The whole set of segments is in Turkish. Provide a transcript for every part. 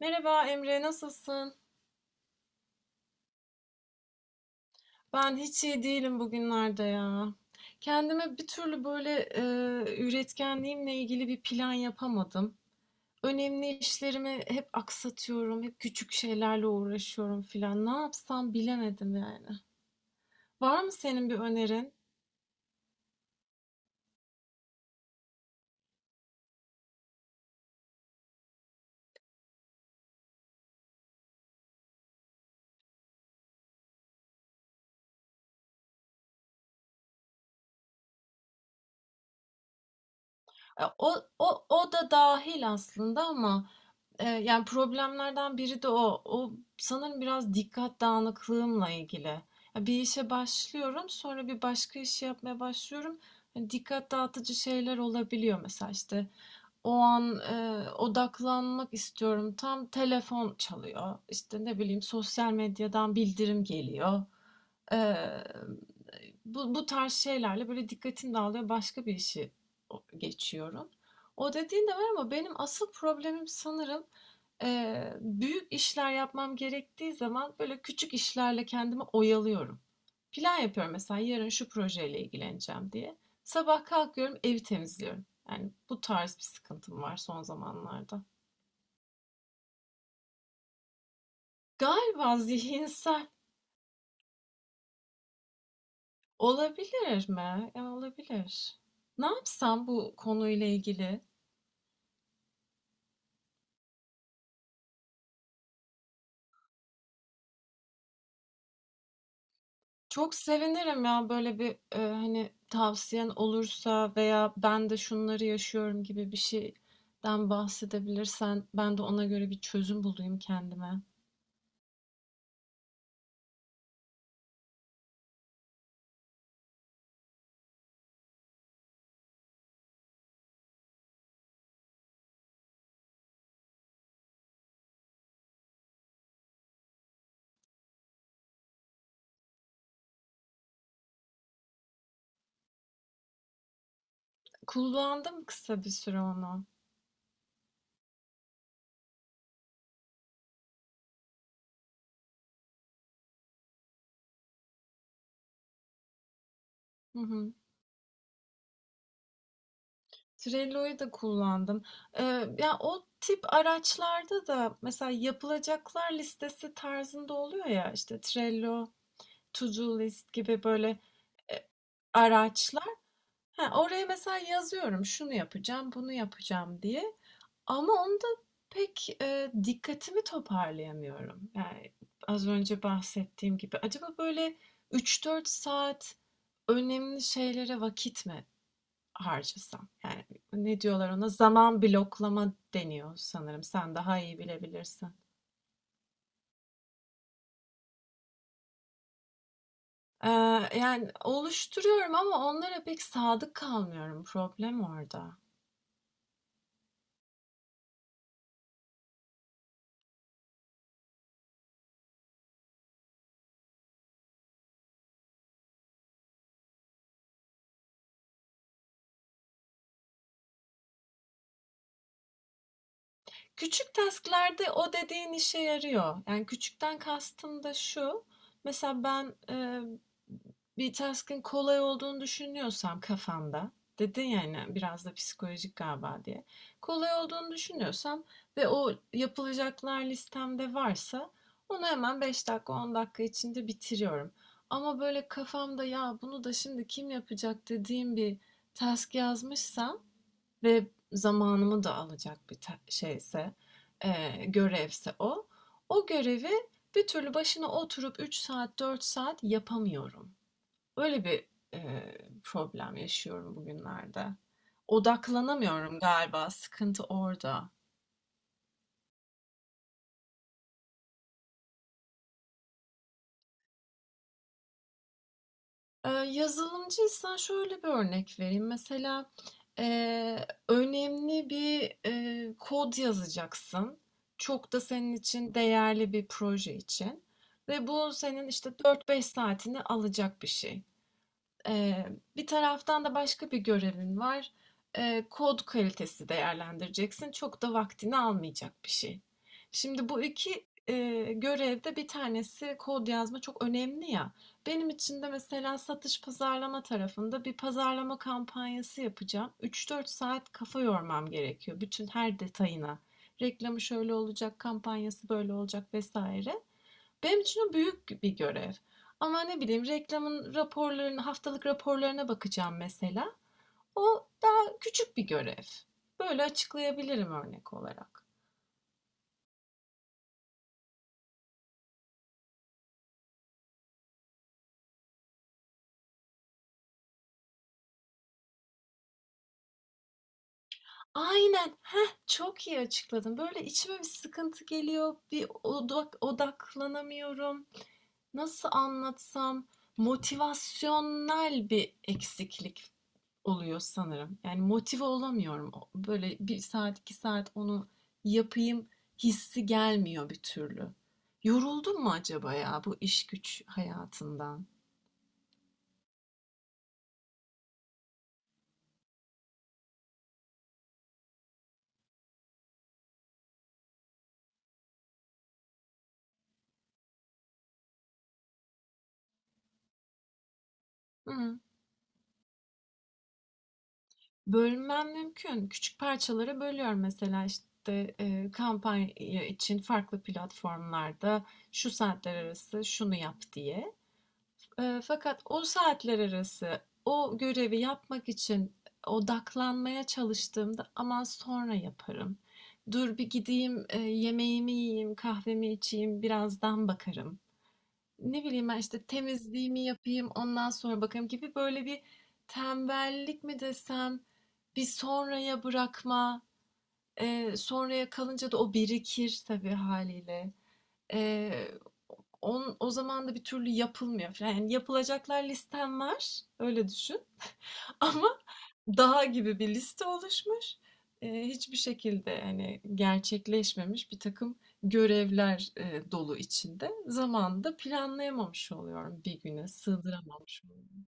Merhaba Emre, nasılsın? Ben hiç iyi değilim bugünlerde ya. Kendime bir türlü böyle üretkenliğimle ilgili bir plan yapamadım. Önemli işlerimi hep aksatıyorum, hep küçük şeylerle uğraşıyorum filan. Ne yapsam bilemedim yani. Var mı senin bir önerin? E, O, o da dahil aslında ama yani problemlerden biri de o. O sanırım biraz dikkat dağınıklığımla ilgili. Ya bir işe başlıyorum, sonra bir başka işi yapmaya başlıyorum. Yani dikkat dağıtıcı şeyler olabiliyor mesela işte. O an odaklanmak istiyorum. Tam telefon çalıyor. İşte ne bileyim sosyal medyadan bildirim geliyor. Eee, bu tarz şeylerle böyle dikkatim dağılıyor. Başka bir işi geçiyorum. O dediğin de var ama benim asıl problemim sanırım, büyük işler yapmam gerektiği zaman, böyle, küçük işlerle kendimi oyalıyorum. Plan yapıyorum mesela, yarın şu projeyle ilgileneceğim diye. Sabah kalkıyorum, evi temizliyorum. Yani bu tarz bir sıkıntım var son zamanlarda. Galiba zihinsel. Olabilir mi? Ya, olabilir. Ne yapsam bu konuyla ilgili? Çok sevinirim ya böyle bir, hani, tavsiyen olursa veya ben de şunları yaşıyorum gibi bir şeyden bahsedebilirsen ben de ona göre bir çözüm bulayım kendime. Kullandım kısa bir süre onu. Hı hı. Trello'yu da kullandım. Ya, o tip araçlarda da mesela yapılacaklar listesi tarzında oluyor ya, işte, Trello, To Do List gibi böyle, eee, araçlar. He, oraya mesela yazıyorum, şunu yapacağım, bunu yapacağım diye. Ama onda pek, dikkatimi toparlayamıyorum. Yani, az önce bahsettiğim gibi. Acaba böyle 3-4 saat önemli şeylere vakit mi harcasam? Yani, ne diyorlar ona? Zaman bloklama deniyor sanırım. Sen daha iyi bilebilirsin. Yani oluşturuyorum ama onlara pek sadık kalmıyorum. Problem orada. Küçük task'larda o dediğin işe yarıyor. Yani küçükten kastım da şu. Mesela ben bir task'ın kolay olduğunu düşünüyorsam kafamda, dedin yani biraz da psikolojik galiba diye. Kolay olduğunu düşünüyorsam ve o yapılacaklar listemde varsa onu hemen 5 dakika 10 dakika içinde bitiriyorum. Ama böyle kafamda ya bunu da şimdi kim yapacak dediğim bir task yazmışsam ve zamanımı da alacak bir şeyse, görevse o. O görevi bir türlü başına oturup 3 saat, 4 saat yapamıyorum. Öyle bir eee, problem yaşıyorum bugünlerde. Odaklanamıyorum galiba, sıkıntı orada. Yazılımcıysan şöyle bir örnek vereyim. Mesela önemli bir kod yazacaksın. Çok da senin için değerli bir proje için. Ve bu senin işte 4-5 saatini alacak bir şey. Eee, bir taraftan da başka bir görevin var. Kod kalitesi değerlendireceksin. Çok da vaktini almayacak bir şey. Şimdi bu iki görevde bir tanesi kod yazma çok önemli ya. Benim için de mesela satış pazarlama tarafında bir pazarlama kampanyası yapacağım. 3-4 saat kafa yormam gerekiyor bütün her detayına. Reklamı şöyle olacak, kampanyası böyle olacak vesaire. Benim için o büyük bir görev. Ama ne bileyim reklamın raporlarına, haftalık raporlarına bakacağım mesela. O daha küçük bir görev. Böyle açıklayabilirim örnek olarak. Aynen. Heh, çok iyi açıkladın. Böyle içime bir sıkıntı geliyor. Bir odaklanamıyorum. Nasıl anlatsam? Motivasyonel bir eksiklik oluyor sanırım. Yani motive olamıyorum. Böyle 1 saat, 2 saat onu yapayım hissi gelmiyor bir türlü. Yoruldum mu acaba ya bu iş güç hayatından? Hı. Bölmem mümkün. Küçük parçalara bölüyorum mesela işte kampanya için farklı platformlarda şu saatler arası şunu yap diye. Fakat o saatler arası o görevi yapmak için odaklanmaya çalıştığımda aman sonra yaparım. Dur bir gideyim yemeğimi yiyeyim, kahvemi içeyim, birazdan bakarım. Ne bileyim ben işte temizliğimi yapayım, ondan sonra bakarım gibi böyle bir tembellik mi desem, bir sonraya bırakma, sonraya kalınca da o birikir tabii haliyle. Eee, on o zaman da bir türlü yapılmıyor filan. Yani yapılacaklar listem var, öyle düşün ama dağ gibi bir liste oluşmuş. Hiçbir şekilde, hani, gerçekleşmemiş bir takım görevler, dolu içinde. Zamanı da planlayamamış oluyorum, bir güne sığdıramamış oluyorum.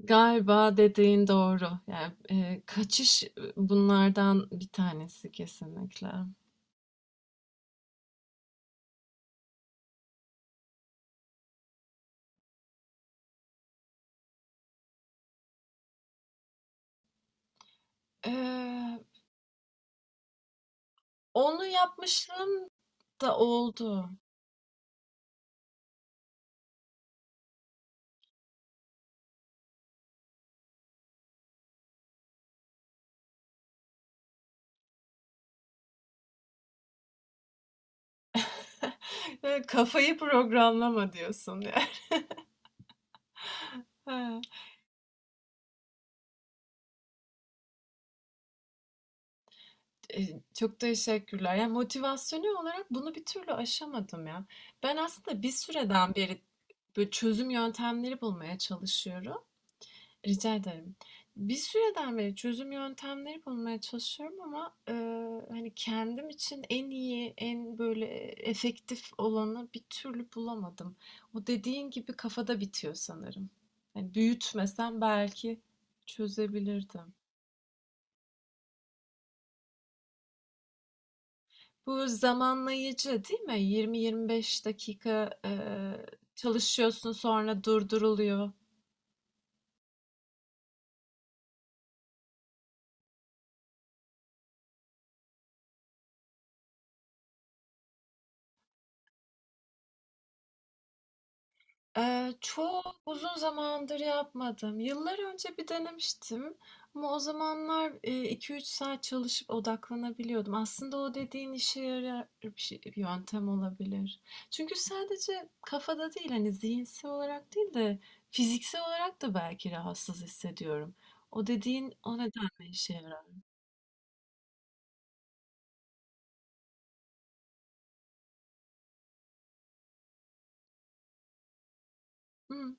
Galiba dediğin doğru. Yani, kaçış, bunlardan bir tanesi kesinlikle. Eee, onu yapmışlığım da oldu. Kafayı programlama diyorsun ya. He. Çok teşekkürler. Ya, motivasyonu olarak bunu bir türlü aşamadım ya. Ben aslında bir süreden beri böyle çözüm yöntemleri bulmaya çalışıyorum. Rica ederim. Bir süreden beri çözüm yöntemleri bulmaya çalışıyorum ama hani kendim için en iyi, en böyle efektif olanı bir türlü bulamadım. O dediğin gibi kafada bitiyor sanırım. Yani büyütmesem belki çözebilirdim. Bu zamanlayıcı değil mi? 20-25 dakika çalışıyorsun sonra durduruluyor. Çok uzun zamandır yapmadım. Yıllar önce bir denemiştim ama o zamanlar 2-3 saat çalışıp odaklanabiliyordum. Aslında o dediğin işe yarar bir bir yöntem olabilir. Çünkü sadece kafada değil hani zihinsel olarak değil de fiziksel olarak da belki rahatsız hissediyorum. O dediğin o nedenle işe yarar. Hı.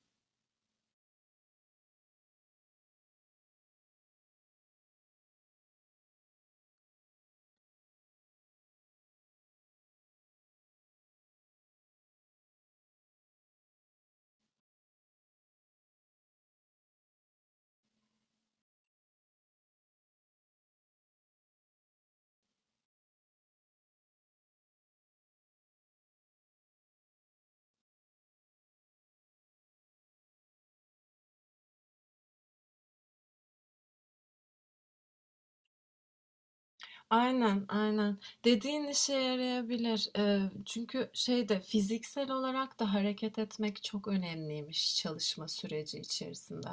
Aynen, aynen. Dediğin işe yarayabilir. Çünkü şeyde fiziksel olarak da hareket etmek çok önemliymiş çalışma süreci içerisinde.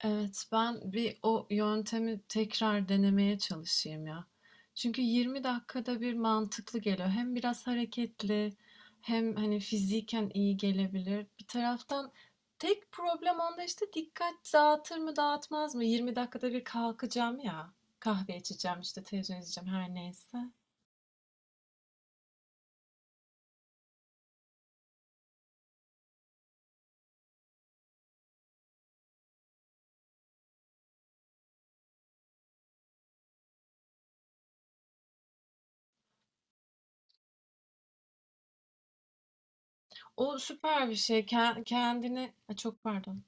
Evet, ben bir o yöntemi tekrar denemeye çalışayım ya. Çünkü 20 dakikada bir mantıklı geliyor. Hem biraz hareketli, hem hani fiziken iyi gelebilir. Bir taraftan tek problem onda işte dikkat dağıtır mı dağıtmaz mı? 20 dakikada bir kalkacağım ya. Kahve içeceğim işte televizyon izleyeceğim her neyse. O süper bir şey. Kendini... Ay, çok pardon.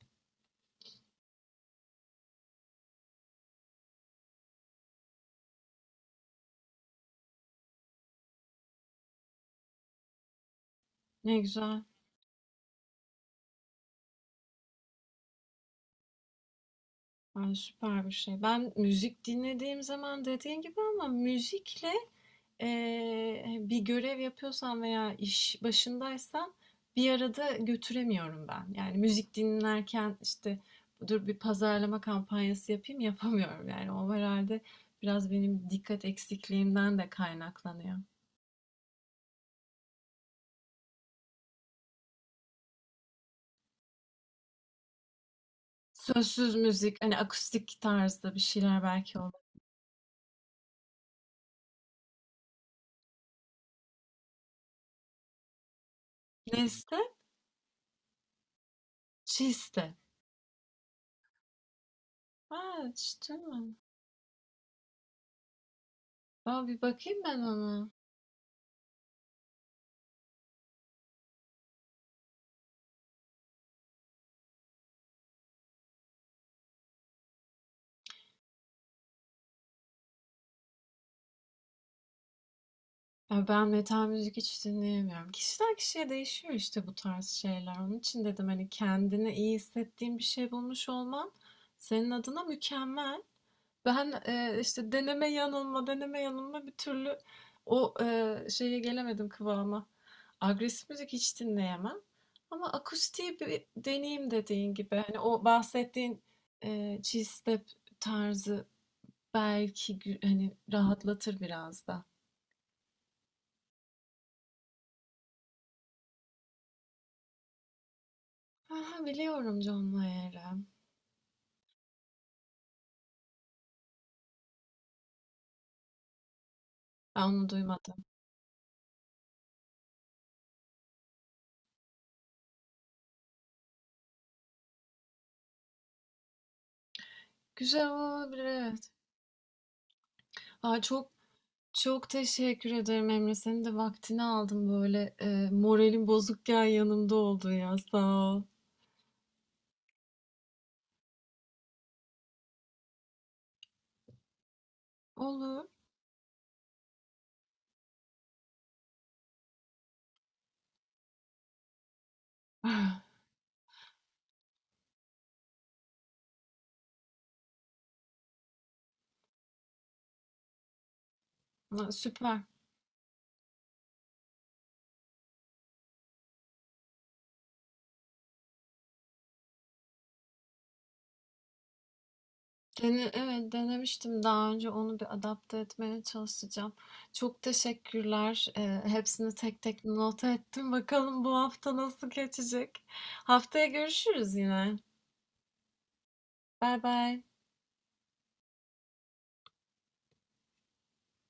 Ne güzel. Ay, süper bir şey. Ben müzik dinlediğim zaman dediğin gibi ama müzikle, hani, bir görev yapıyorsam veya iş başındaysam bir arada götüremiyorum ben. Yani müzik dinlerken işte dur bir pazarlama kampanyası yapayım yapamıyorum. Yani o herhalde biraz benim dikkat eksikliğimden de kaynaklanıyor. Sözsüz müzik, hani akustik tarzda bir şeyler belki olur. Leste, çiste. Ha, hiç duymadım. Aa, bir bakayım ben ona. Ya, ben metal müzik hiç dinleyemiyorum. Kişiden kişiye değişiyor işte bu tarz şeyler. Onun için dedim, hani, kendini iyi hissettiğin bir şey bulmuş olman senin adına mükemmel. Ben, işte, deneme yanılma, deneme yanılma bir türlü o, şeye gelemedim, kıvama. Agresif müzik hiç dinleyemem ama akustiği bir deneyim dediğin gibi. Hani, o bahsettiğin, chill step tarzı belki hani, rahatlatır biraz da. Hı, biliyorum John Mayer'ı. Ben onu duymadım. Güzel olabilir, evet. Ay, çok çok teşekkür ederim Emre. Senin de vaktini aldım böyle moralim bozukken yanımda oldun ya. Sağ ol. Olur. Ah, ama süper. Dene, evet denemiştim daha önce onu bir adapte etmeye çalışacağım. Çok teşekkürler. Hepsini tek tek not ettim. Bakalım bu hafta nasıl geçecek. Haftaya görüşürüz yine. Bay bay.